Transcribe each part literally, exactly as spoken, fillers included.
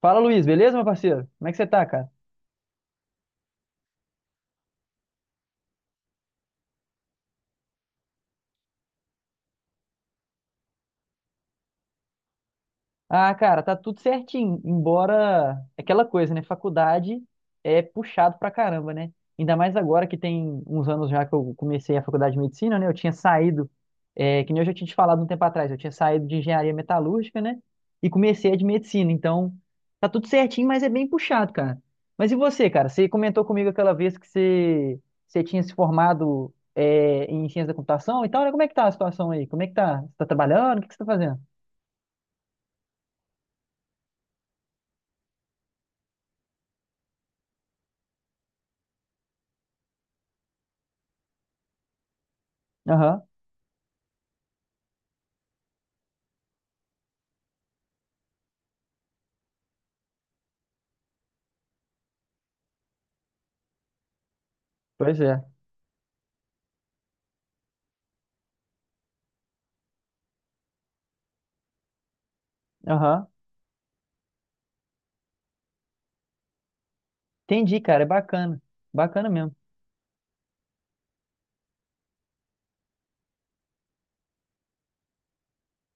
Fala, Luiz, beleza, meu parceiro? Como é que você tá, cara? Ah, cara, tá tudo certinho, embora é aquela coisa, né? Faculdade é puxado pra caramba, né? Ainda mais agora que tem uns anos já que eu comecei a faculdade de medicina, né? Eu tinha saído, é, que nem eu já tinha te falado um tempo atrás, eu tinha saído de engenharia metalúrgica, né? E comecei a de medicina, então tá tudo certinho, mas é bem puxado, cara. Mas e você, cara? Você comentou comigo aquela vez que você, você tinha se formado, é, em ciência da computação e tal, né? Como é que tá a situação aí? Como é que tá? Você tá trabalhando? O que que você tá fazendo? Aham, pois é. Aham. Entendi, cara. É bacana. Bacana mesmo.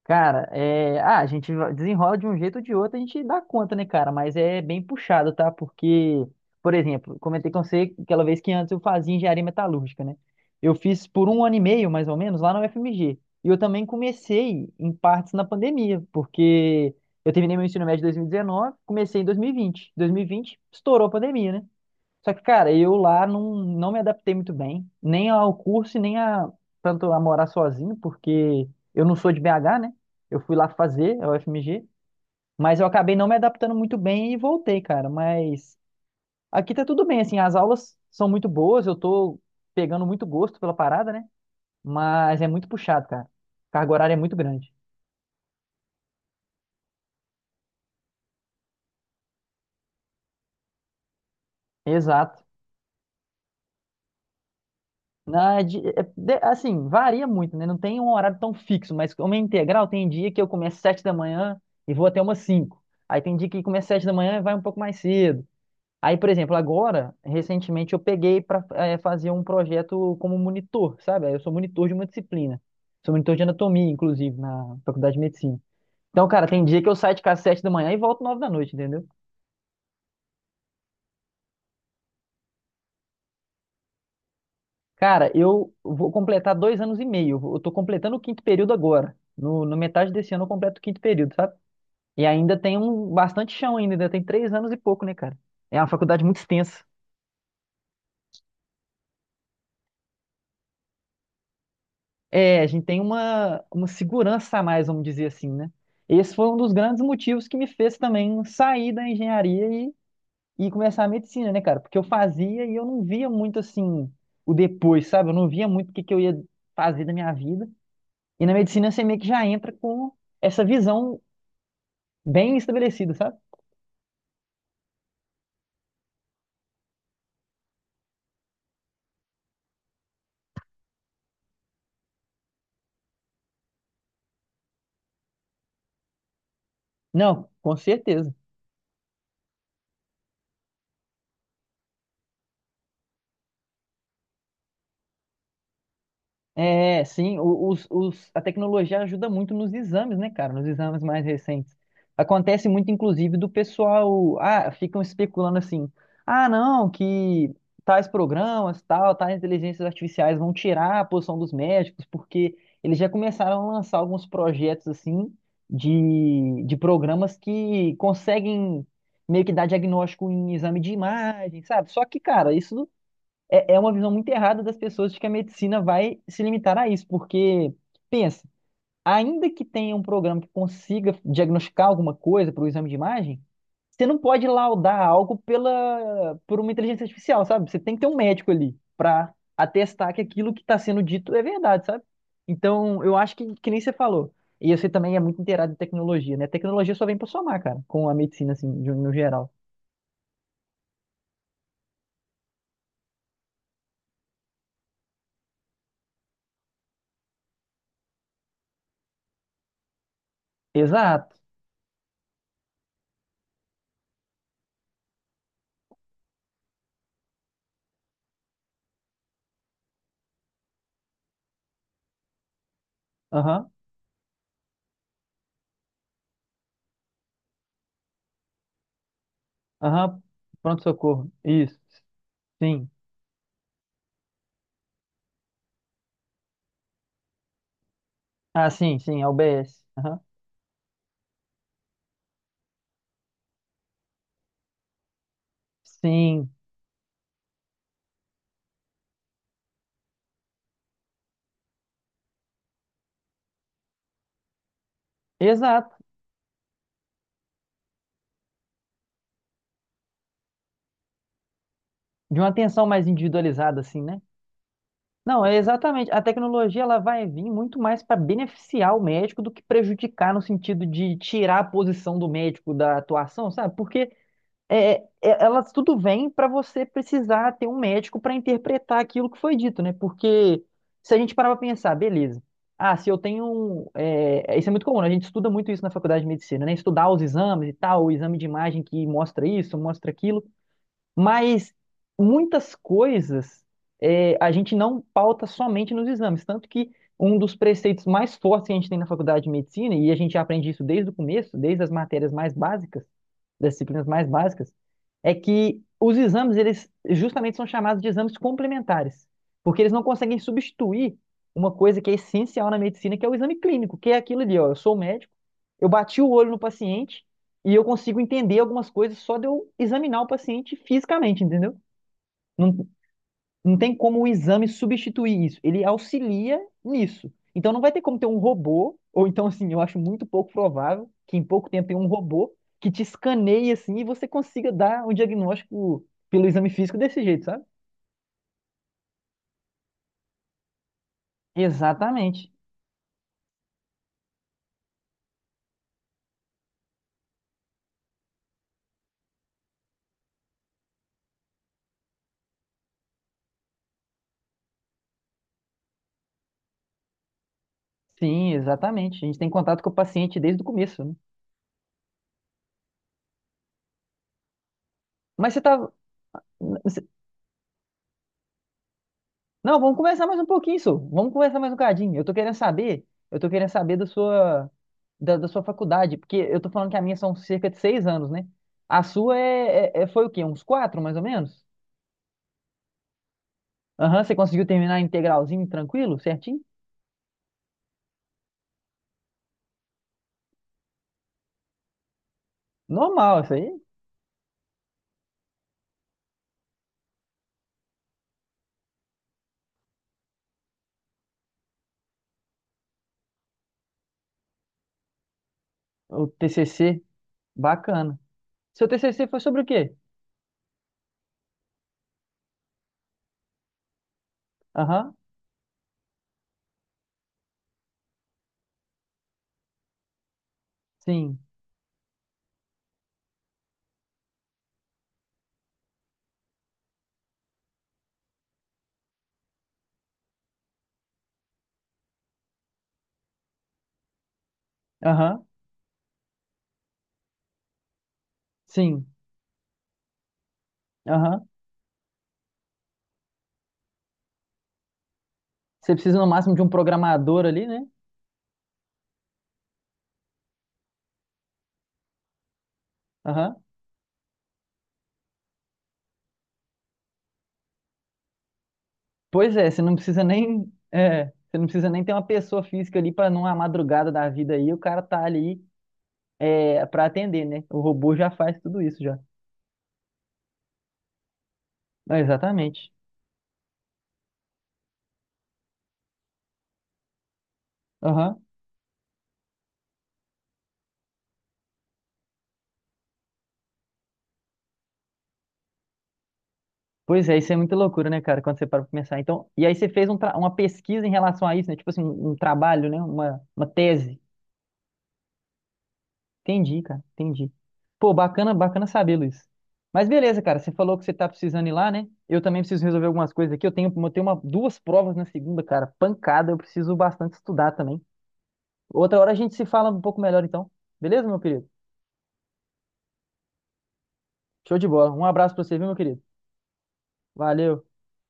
Cara, é... ah, a gente va- desenrola de um jeito ou de outro, a gente dá conta, né, cara? Mas é bem puxado, tá? Porque, por exemplo, comentei com você aquela vez que antes eu fazia engenharia metalúrgica, né? Eu fiz por um ano e meio, mais ou menos, lá na U F M G. E eu também comecei em partes na pandemia, porque eu terminei meu ensino médio em dois mil e dezenove, comecei em dois mil e vinte. dois mil e vinte estourou a pandemia, né? Só que, cara, eu lá não, não me adaptei muito bem, nem ao curso e nem a, tanto a morar sozinho, porque eu não sou de B H, né? Eu fui lá fazer a U F M G, mas eu acabei não me adaptando muito bem e voltei, cara. Mas aqui tá tudo bem, assim, as aulas são muito boas, eu tô pegando muito gosto pela parada, né? Mas é muito puxado, cara. Carga horária é muito grande. Exato. Na, de- é- de- Assim, varia muito, né? Não tem um horário tão fixo, mas como é integral, tem dia que eu começo sete da manhã e vou até umas cinco. Aí tem dia que começa sete da manhã e vai um pouco mais cedo. Aí, por exemplo, agora, recentemente eu peguei para fazer um projeto como monitor, sabe? Aí eu sou monitor de uma disciplina. Sou monitor de anatomia, inclusive, na faculdade de medicina. Então, cara, tem dia que eu saio de casa sete da manhã e volto nove da noite, entendeu? Cara, eu vou completar dois anos e meio. Eu tô completando o quinto período agora. No, no metade desse ano eu completo o quinto período, sabe? E ainda tem um bastante chão ainda, ainda tem três anos e pouco, né, cara? É uma faculdade muito extensa. É, a gente tem uma, uma segurança a mais, vamos dizer assim, né? Esse foi um dos grandes motivos que me fez também sair da engenharia e, e começar a medicina, né, cara? Porque eu fazia e eu não via muito assim o depois, sabe? Eu não via muito o que que eu ia fazer da minha vida. E na medicina você meio que já entra com essa visão bem estabelecido, sabe? Não, com certeza. É, sim, o- os, os, a tecnologia ajuda muito nos exames, né, cara? Nos exames mais recentes. Acontece muito, inclusive, do pessoal. Ah, ficam especulando assim. Ah, não, que tais programas, tal, tais inteligências artificiais vão tirar a posição dos médicos, porque eles já começaram a lançar alguns projetos, assim, de, de programas que conseguem meio que dar diagnóstico em exame de imagem, sabe? Só que, cara, isso. é, é uma visão muito errada das pessoas de que a medicina vai se limitar a isso, porque, pensa, ainda que tenha um programa que consiga diagnosticar alguma coisa para o exame de imagem, você não pode laudar algo pela, por uma inteligência artificial, sabe? Você tem que ter um médico ali para atestar que aquilo que está sendo dito é verdade, sabe? Então, eu acho que, que nem você falou. E você também é muito inteirado em tecnologia, né? Tecnologia só vem para somar, cara, com a medicina, assim, de- um, no geral. Exato. Aham, aham. Pronto-socorro. Isso. Sim. Ah, sim, sim, é o B S. Aham. Sim, exato. De uma atenção mais individualizada, assim, né? Não, é exatamente. A tecnologia ela vai vir muito mais para beneficiar o médico do que prejudicar no sentido de tirar a posição do médico da atuação, sabe? Porque é, é- elas tudo vem para você precisar ter um médico para interpretar aquilo que foi dito, né? Porque se a gente parar para pensar, beleza. Ah, se eu tenho. Um, é, isso é muito comum, né? A gente estuda muito isso na faculdade de medicina, né? Estudar os exames e tal, o exame de imagem que mostra isso, mostra aquilo. Mas muitas coisas é, a gente não pauta somente nos exames. Tanto que um dos preceitos mais fortes que a gente tem na faculdade de medicina, e a gente aprende isso desde o começo, desde as matérias mais básicas das disciplinas mais básicas, é que os exames, eles justamente são chamados de exames complementares, porque eles não conseguem substituir uma coisa que é essencial na medicina, que é o exame clínico, que é aquilo ali, ó, eu sou médico, eu bati o olho no paciente e eu consigo entender algumas coisas só de eu examinar o paciente fisicamente, entendeu? Não, não tem como o exame substituir isso. Ele auxilia nisso. Então não vai ter como ter um robô, ou então assim, eu acho muito pouco provável que em pouco tempo tenha um robô que te escaneie assim e você consiga dar um diagnóstico pelo exame físico desse jeito, sabe? Exatamente. Sim, exatamente. A gente tem contato com o paciente desde o começo, né? Mas você estava. Não, vamos conversar mais um pouquinho, só. Vamos conversar mais um cadinho. Eu tô querendo saber, eu tô querendo saber da sua, da, da sua faculdade, porque eu tô falando que a minha são cerca de seis anos, né? A sua é, é- é- foi o quê? Uns quatro, mais ou menos? Aham, você conseguiu terminar integralzinho, tranquilo, certinho? Normal, isso aí. O T C C, bacana. Seu T C C foi sobre o quê? Aham, sim. Aham, sim. Aham. Você precisa no máximo de um programador ali, né? Aham. Pois é, você não precisa nem, é, você não precisa nem ter uma pessoa física ali para numa madrugada da vida aí, o cara tá ali é, para atender, né? O robô já faz tudo isso já. Ah, exatamente. Aham. Pois é, isso é muita loucura, né, cara, quando você para pra pensar. Então, e aí você fez um tra- uma pesquisa em relação a isso, né? Tipo assim, um um trabalho, né? Uma, uma tese. Entendi, cara, entendi. Pô, bacana, bacana saber, Luiz. Mas beleza, cara, você falou que você tá precisando ir lá, né? Eu também preciso resolver algumas coisas aqui. Eu tenho, eu tenho uma, duas provas na segunda, cara, pancada. Eu preciso bastante estudar também. Outra hora a gente se fala um pouco melhor, então. Beleza, meu querido? Show de bola. Um abraço pra você, viu, meu querido? Valeu.